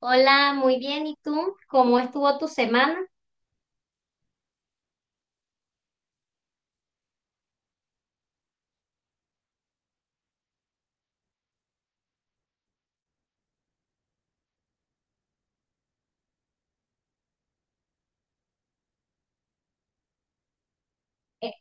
Hola, muy bien. ¿Y tú? ¿Cómo estuvo tu semana? Eh,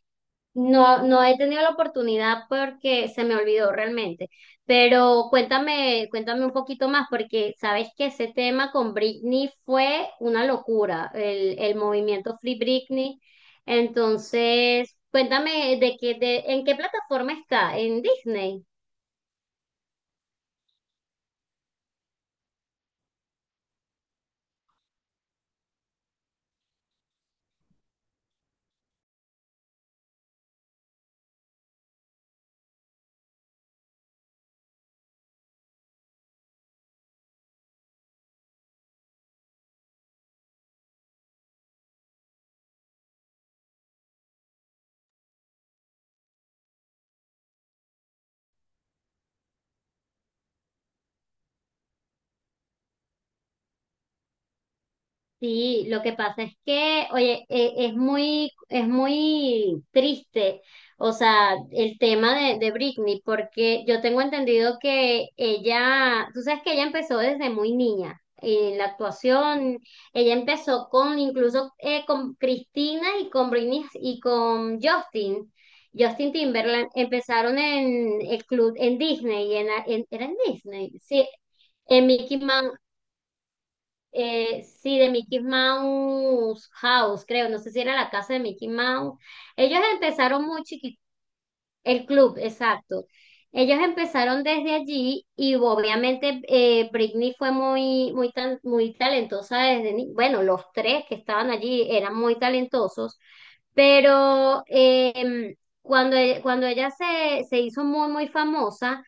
no, no he tenido la oportunidad porque se me olvidó realmente. Pero cuéntame, cuéntame un poquito más, porque sabes que ese tema con Britney fue una locura, el movimiento Free Britney. Entonces, cuéntame de qué, de, en qué plataforma está, en Disney. Sí, lo que pasa es que, oye, es muy triste, o sea, el tema de Britney, porque yo tengo entendido que ella, tú sabes que ella empezó desde muy niña en la actuación, ella empezó con, incluso con Cristina y con Britney y con Justin, Justin Timberland, empezaron en el club, en Disney, era en Disney, sí, en Mickey Mouse, sí, de Mickey Mouse House, creo, no sé si era la casa de Mickey Mouse. Ellos empezaron muy chiquitos, el club, exacto. Ellos empezaron desde allí y obviamente Britney fue muy, muy, muy talentosa desde, bueno, los tres que estaban allí eran muy talentosos, pero cuando, cuando ella se, se hizo muy, muy famosa,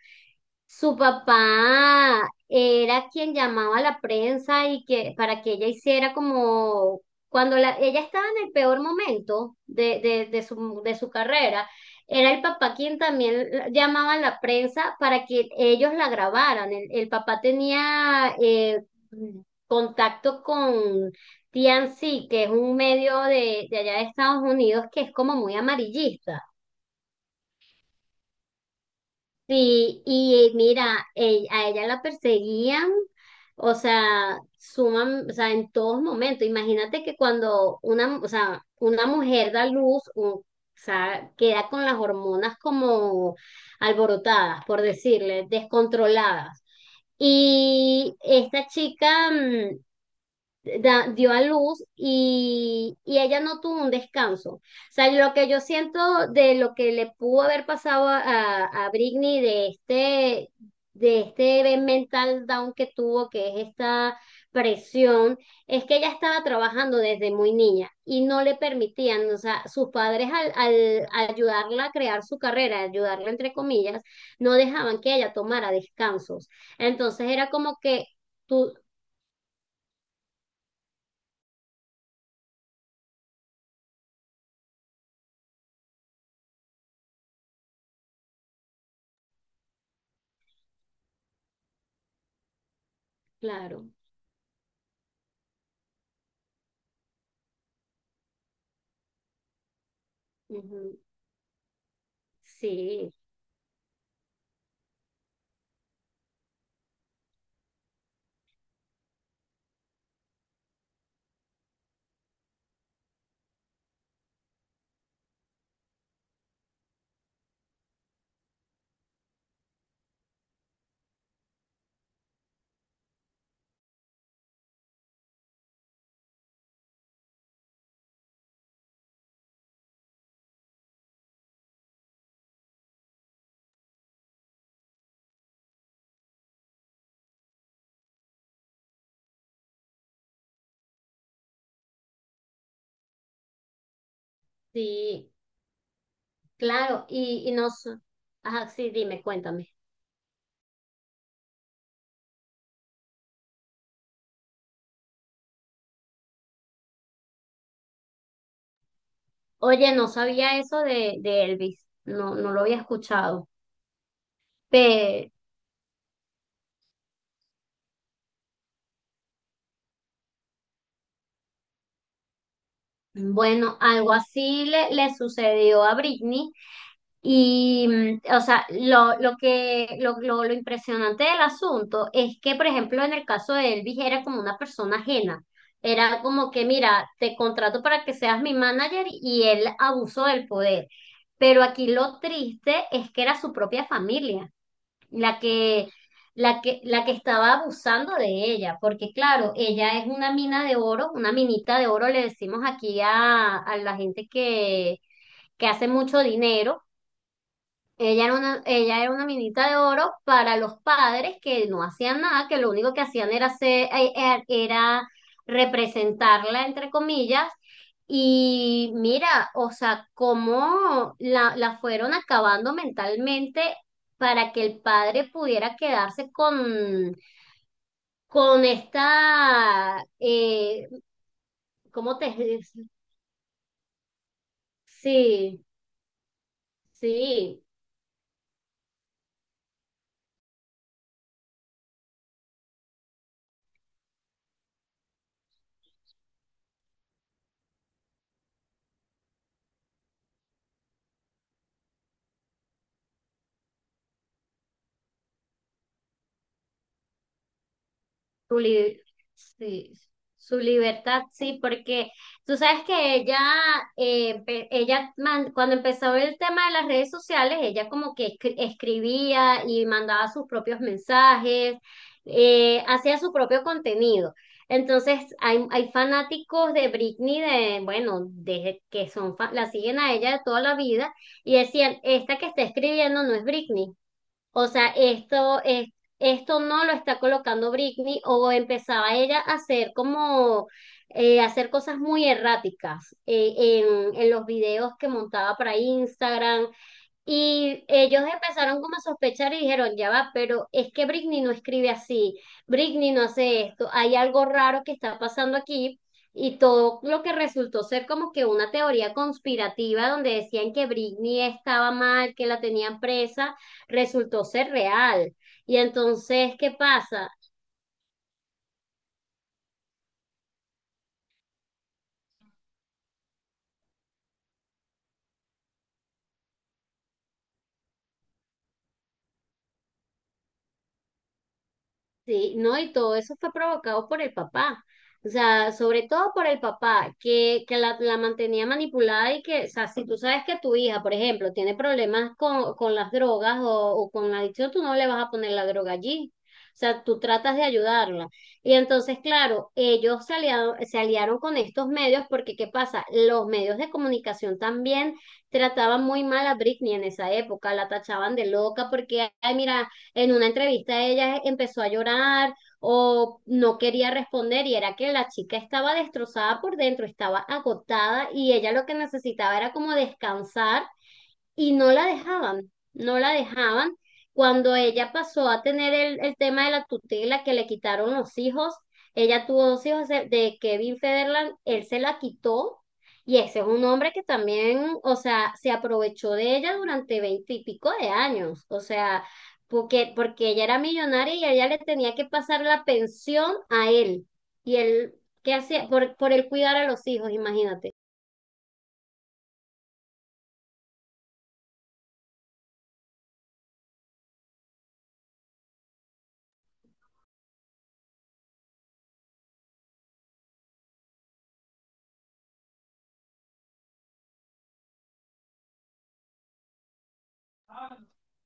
su papá era quien llamaba a la prensa y que para que ella hiciera como cuando ella estaba en el peor momento de su carrera, era el papá quien también llamaba a la prensa para que ellos la grabaran. El papá tenía contacto con TNC, que es un medio de allá de Estados Unidos que es como muy amarillista. Sí, y mira, a ella la perseguían, o sea, suman, o sea, en todos momentos. Imagínate que cuando una, o sea, una mujer da luz, o sea, queda con las hormonas como alborotadas, por decirle, descontroladas. Y esta chica, dio a luz y ella no tuvo un descanso. O sea, lo que yo siento de lo que le pudo haber pasado a, a Britney de este mental down que tuvo, que es esta presión, es que ella estaba trabajando desde muy niña y no le permitían, o sea, sus padres al, al ayudarla a crear su carrera, ayudarla entre comillas, no dejaban que ella tomara descansos. Entonces era como que tú, claro. Ujú. Sí, sí, claro, y no, ajá, sí, dime, cuéntame. Oye, no sabía eso de Elvis, no, no lo había escuchado. Pero, bueno, algo así le, le sucedió a Britney. Y, o sea, lo que, lo impresionante del asunto es que, por ejemplo, en el caso de Elvis era como una persona ajena. Era como que, mira, te contrato para que seas mi manager y él abusó del poder. Pero aquí lo triste es que era su propia familia la que, la que, la que estaba abusando de ella, porque claro, ella es una mina de oro, una minita de oro, le decimos aquí a la gente que hace mucho dinero ella era una minita de oro para los padres que no hacían nada, que lo único que hacían era era representarla, entre comillas. Y mira, o sea, cómo la, la fueron acabando mentalmente para que el padre pudiera quedarse con esta, ¿cómo te... Sí, sí. Su, li- sí, su libertad, sí, porque tú sabes que ella, eh, cuando empezó el tema de las redes sociales, ella como que escribía y mandaba sus propios mensajes, hacía su propio contenido. Entonces, hay fanáticos de Britney, de, bueno, desde que son, la siguen a ella de toda la vida y decían, esta que está escribiendo no es Britney. O sea, esto es, esto no lo está colocando Britney o empezaba ella a hacer como hacer cosas muy erráticas en los videos que montaba para Instagram y ellos empezaron como a sospechar y dijeron, ya va, pero es que Britney no escribe así, Britney no hace esto, hay algo raro que está pasando aquí. Y todo lo que resultó ser como que una teoría conspirativa donde decían que Britney estaba mal, que la tenían presa, resultó ser real. Y entonces, ¿qué pasa? Sí, no, y todo eso fue provocado por el papá, o sea, sobre todo por el papá, que la mantenía manipulada y que, o sea, si tú sabes que tu hija, por ejemplo, tiene problemas con las drogas o con la adicción, tú no le vas a poner la droga allí, o sea, tú tratas de ayudarla. Y entonces, claro, se aliaron con estos medios porque, ¿qué pasa? Los medios de comunicación también trataban muy mal a Britney en esa época, la tachaban de loca porque, ay, mira en una entrevista ella empezó a llorar o no quería responder y era que la chica estaba destrozada por dentro, estaba agotada y ella lo que necesitaba era como descansar y no la dejaban, no la dejaban. Cuando ella pasó a tener el tema de la tutela que le quitaron los hijos, ella tuvo 2 hijos de Kevin Federland, él se la quitó y ese es un hombre que también, o sea, se aprovechó de ella durante 20 y pico de años, o sea, porque, porque ella era millonaria y ella le tenía que pasar la pensión a él y él, ¿qué hacía? Por él cuidar a los hijos, imagínate.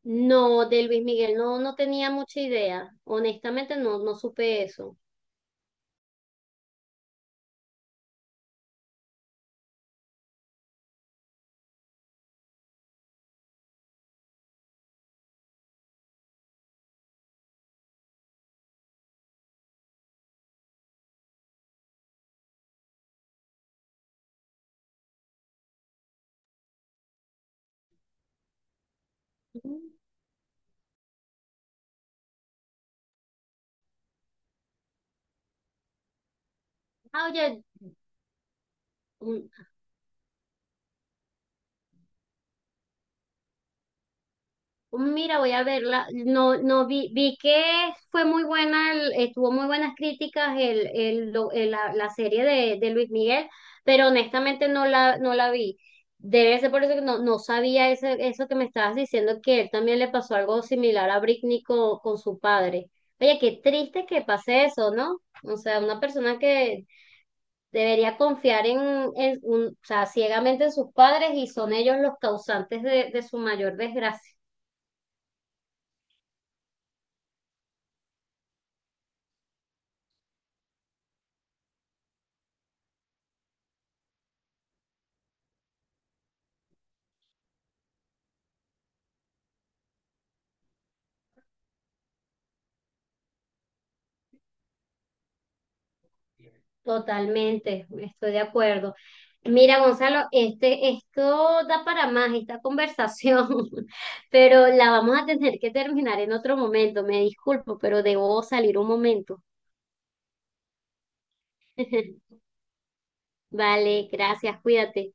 No, de Luis Miguel, no, no tenía mucha idea. Honestamente, no, no supe eso. Mm. Ah, oye, mm, mira, voy a verla. No, no vi, vi que fue muy buena, tuvo muy buenas críticas el, la, la serie de Luis Miguel, pero honestamente no la, no la vi. Debe ser por eso que no, no sabía eso, eso que me estabas diciendo, que él también le pasó algo similar a Britney con su padre. Oye, qué triste que pase eso, ¿no? O sea, una persona que debería confiar en, o sea, ciegamente en sus padres y son ellos los causantes de su mayor desgracia. Totalmente, estoy de acuerdo. Mira, Gonzalo, este, esto da para más esta conversación, pero la vamos a tener que terminar en otro momento. Me disculpo, pero debo salir un momento. Vale, gracias, cuídate.